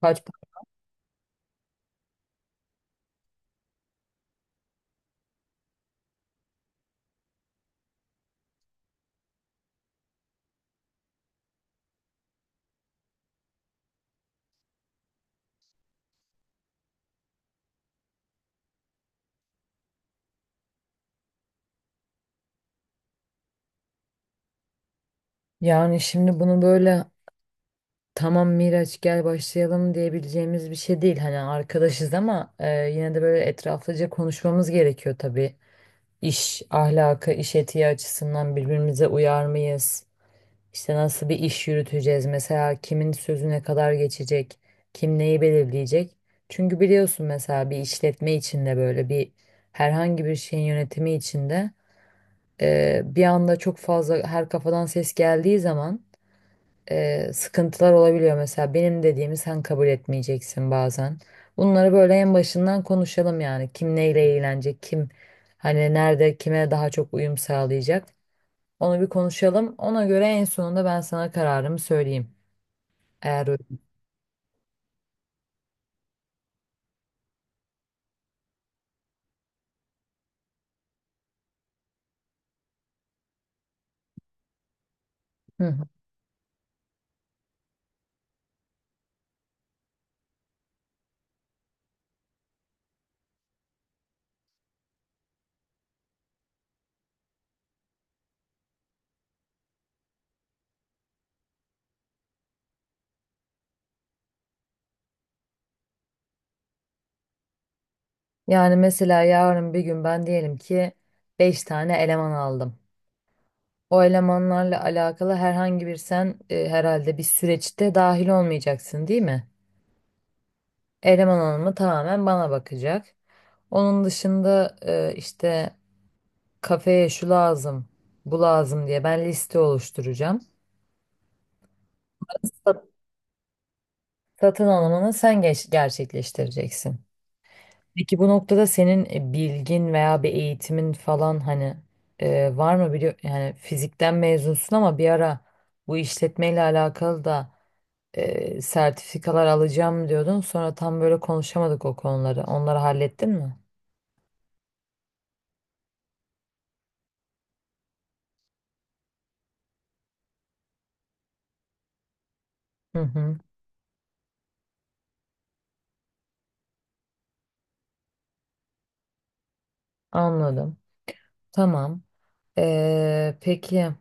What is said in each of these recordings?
Kaç. Yani şimdi bunu böyle tamam Miraç gel başlayalım diyebileceğimiz bir şey değil. Hani arkadaşız ama yine de böyle etraflıca konuşmamız gerekiyor tabii. İş ahlakı, iş etiği açısından birbirimize uyar mıyız? İşte nasıl bir iş yürüteceğiz? Mesela kimin sözü ne kadar geçecek? Kim neyi belirleyecek? Çünkü biliyorsun mesela bir işletme içinde böyle bir herhangi bir şeyin yönetimi içinde bir anda çok fazla her kafadan ses geldiği zaman sıkıntılar olabiliyor. Mesela benim dediğimi sen kabul etmeyeceksin bazen. Bunları böyle en başından konuşalım yani. Kim neyle eğlenecek, kim hani nerede kime daha çok uyum sağlayacak. Onu bir konuşalım. Ona göre en sonunda ben sana kararımı söyleyeyim. Eğer öyle. Hı hı. Yani mesela yarın bir gün ben diyelim ki 5 tane eleman aldım. O elemanlarla alakalı herhangi bir sen herhalde bir süreçte dahil olmayacaksın değil mi? Eleman alımı tamamen bana bakacak. Onun dışında işte kafeye şu lazım, bu lazım diye ben liste oluşturacağım. Sat- Satın alımını sen gerçekleştireceksin. Peki bu noktada senin bilgin veya bir eğitimin falan hani var mı biliyor yani fizikten mezunsun ama bir ara bu işletmeyle alakalı da sertifikalar alacağım diyordun. Sonra tam böyle konuşamadık o konuları. Onları hallettin mi? Hı hı, anladım. Tamam. Peki.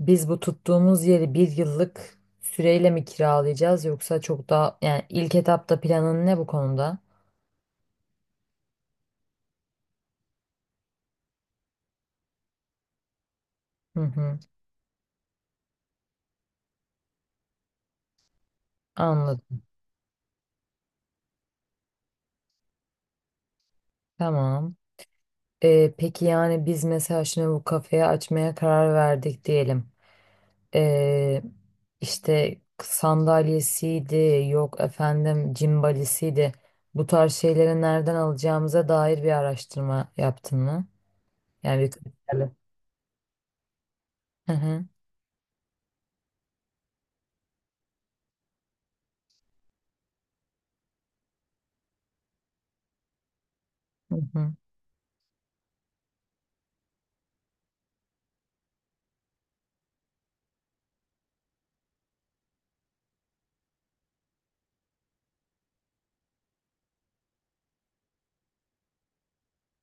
Biz bu tuttuğumuz yeri bir yıllık süreyle mi kiralayacağız yoksa çok daha yani ilk etapta planın ne bu konuda? Hı hı, anladım. Tamam. Peki yani biz mesela şimdi bu kafeyi açmaya karar verdik diyelim. Ee, işte sandalyesiydi, yok efendim cimbalisiydi. Bu tarz şeyleri nereden alacağımıza dair bir araştırma yaptın mı? Yani bir kriterle. Hı hı, hı hı.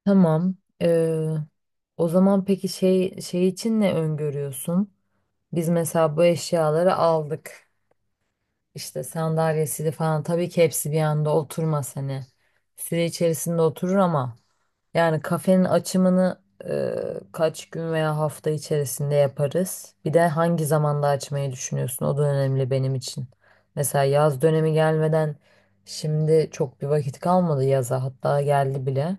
Tamam. Ee, o zaman peki şey şey için ne öngörüyorsun? Biz mesela bu eşyaları aldık. İşte sandalyesini falan tabii ki hepsi bir anda oturmaz hani. Süre içerisinde oturur ama yani kafenin açımını kaç gün veya hafta içerisinde yaparız? Bir de hangi zamanda açmayı düşünüyorsun? O da önemli benim için. Mesela yaz dönemi gelmeden şimdi çok bir vakit kalmadı yaza hatta geldi bile.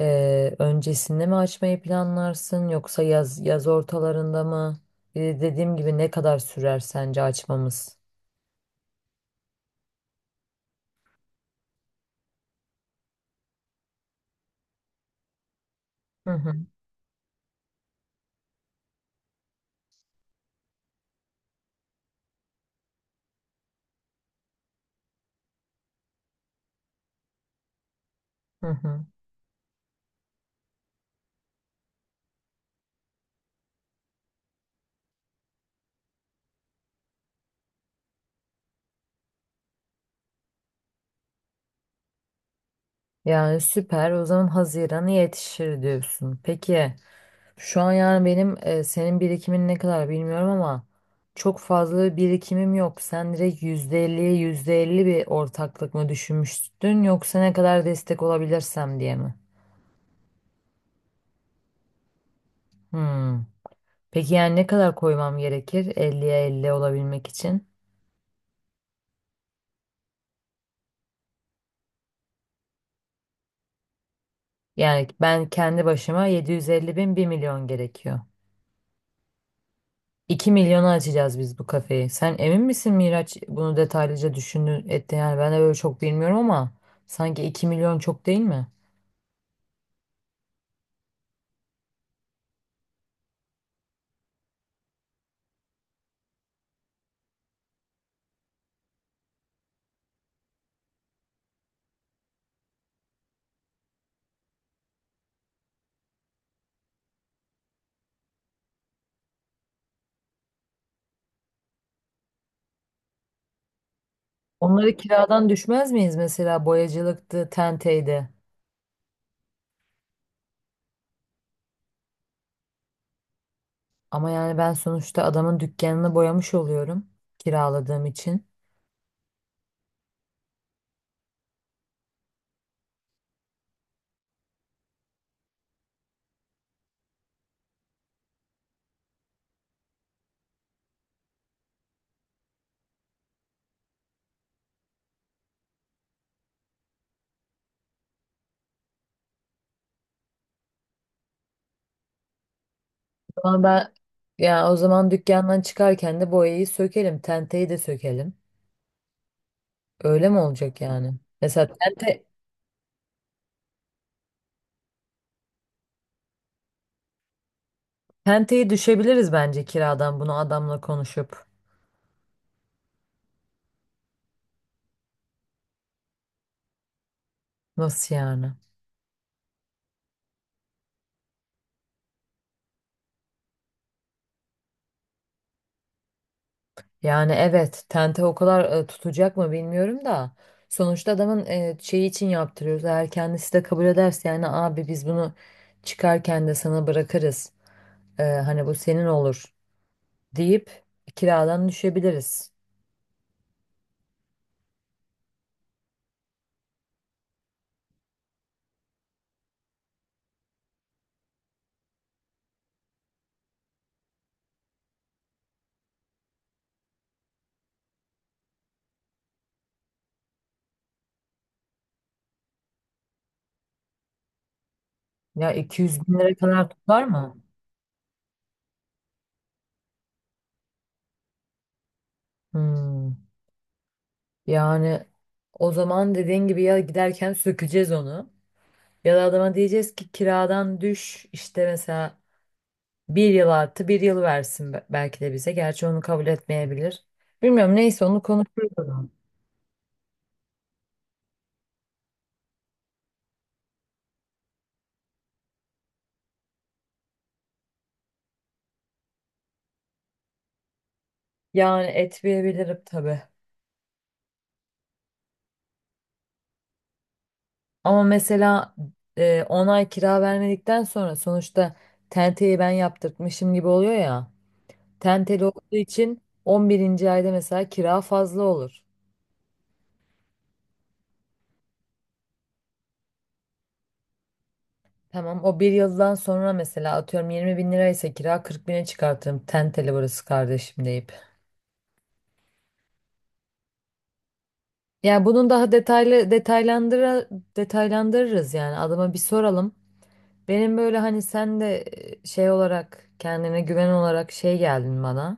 Öncesinde mi açmayı planlarsın yoksa yaz yaz ortalarında mı? Bir de dediğim gibi ne kadar sürer sence açmamız? Hı hı, hı hı. Yani süper. O zaman Haziran'a yetişir diyorsun. Peki şu an yani benim senin birikimin ne kadar bilmiyorum ama çok fazla bir birikimim yok. Sen direkt yüzde elliye %50 bir ortaklık mı düşünmüştün yoksa ne kadar destek olabilirsem diye mi? Hı. Peki yani ne kadar koymam gerekir Elliye 50 olabilmek için? Yani ben kendi başıma 750 bin 1 milyon gerekiyor. 2 milyona açacağız biz bu kafeyi. Sen emin misin Miraç bunu detaylıca düşündün etti? Yani ben de böyle çok bilmiyorum ama sanki 2 milyon çok değil mi? Onları kiradan düşmez miyiz mesela boyacılıktı, tenteydi. Ama yani ben sonuçta adamın dükkanını boyamış oluyorum kiraladığım için. Ama ben yani o zaman dükkandan çıkarken de boyayı sökelim, tenteyi de sökelim. Öyle mi olacak yani? Mesela tente, tenteye düşebiliriz bence kiradan bunu adamla konuşup. Nasıl yani? Yani evet tente o kadar tutacak mı bilmiyorum da. Sonuçta adamın şeyi için yaptırıyoruz. Eğer kendisi de kabul ederse yani abi biz bunu çıkarken de sana bırakırız. Hani bu senin olur deyip kiradan düşebiliriz. Ya 200 bin lira kadar tutar mı? Hmm. Yani o zaman dediğin gibi ya giderken sökeceğiz onu. Ya da adama diyeceğiz ki kiradan düş işte mesela bir yıl artı bir yıl versin belki de bize. Gerçi onu kabul etmeyebilir. Bilmiyorum neyse onu konuşuruz. O zaman. Yani etmeyebilirim tabii. Ama mesela 10 ay kira vermedikten sonra sonuçta tenteyi ben yaptırtmışım gibi oluyor ya. Tenteli olduğu için on birinci ayda mesela kira fazla olur. Tamam o bir yıldan sonra mesela atıyorum 20 bin liraysa kira 40 bine çıkartırım. Tenteli burası kardeşim deyip. Yani bunun daha detaylı detaylandırırız yani adama bir soralım. Benim böyle hani sen de şey olarak kendine güven olarak şey geldin bana.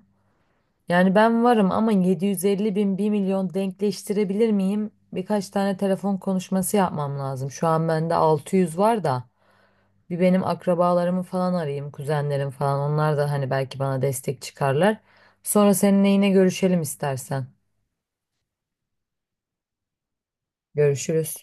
Yani ben varım ama 750 bin bir milyon denkleştirebilir miyim? Birkaç tane telefon konuşması yapmam lazım. Şu an bende 600 var da bir benim akrabalarımı falan arayayım, kuzenlerim falan. Onlar da hani belki bana destek çıkarlar. Sonra seninle yine görüşelim istersen. Görüşürüz.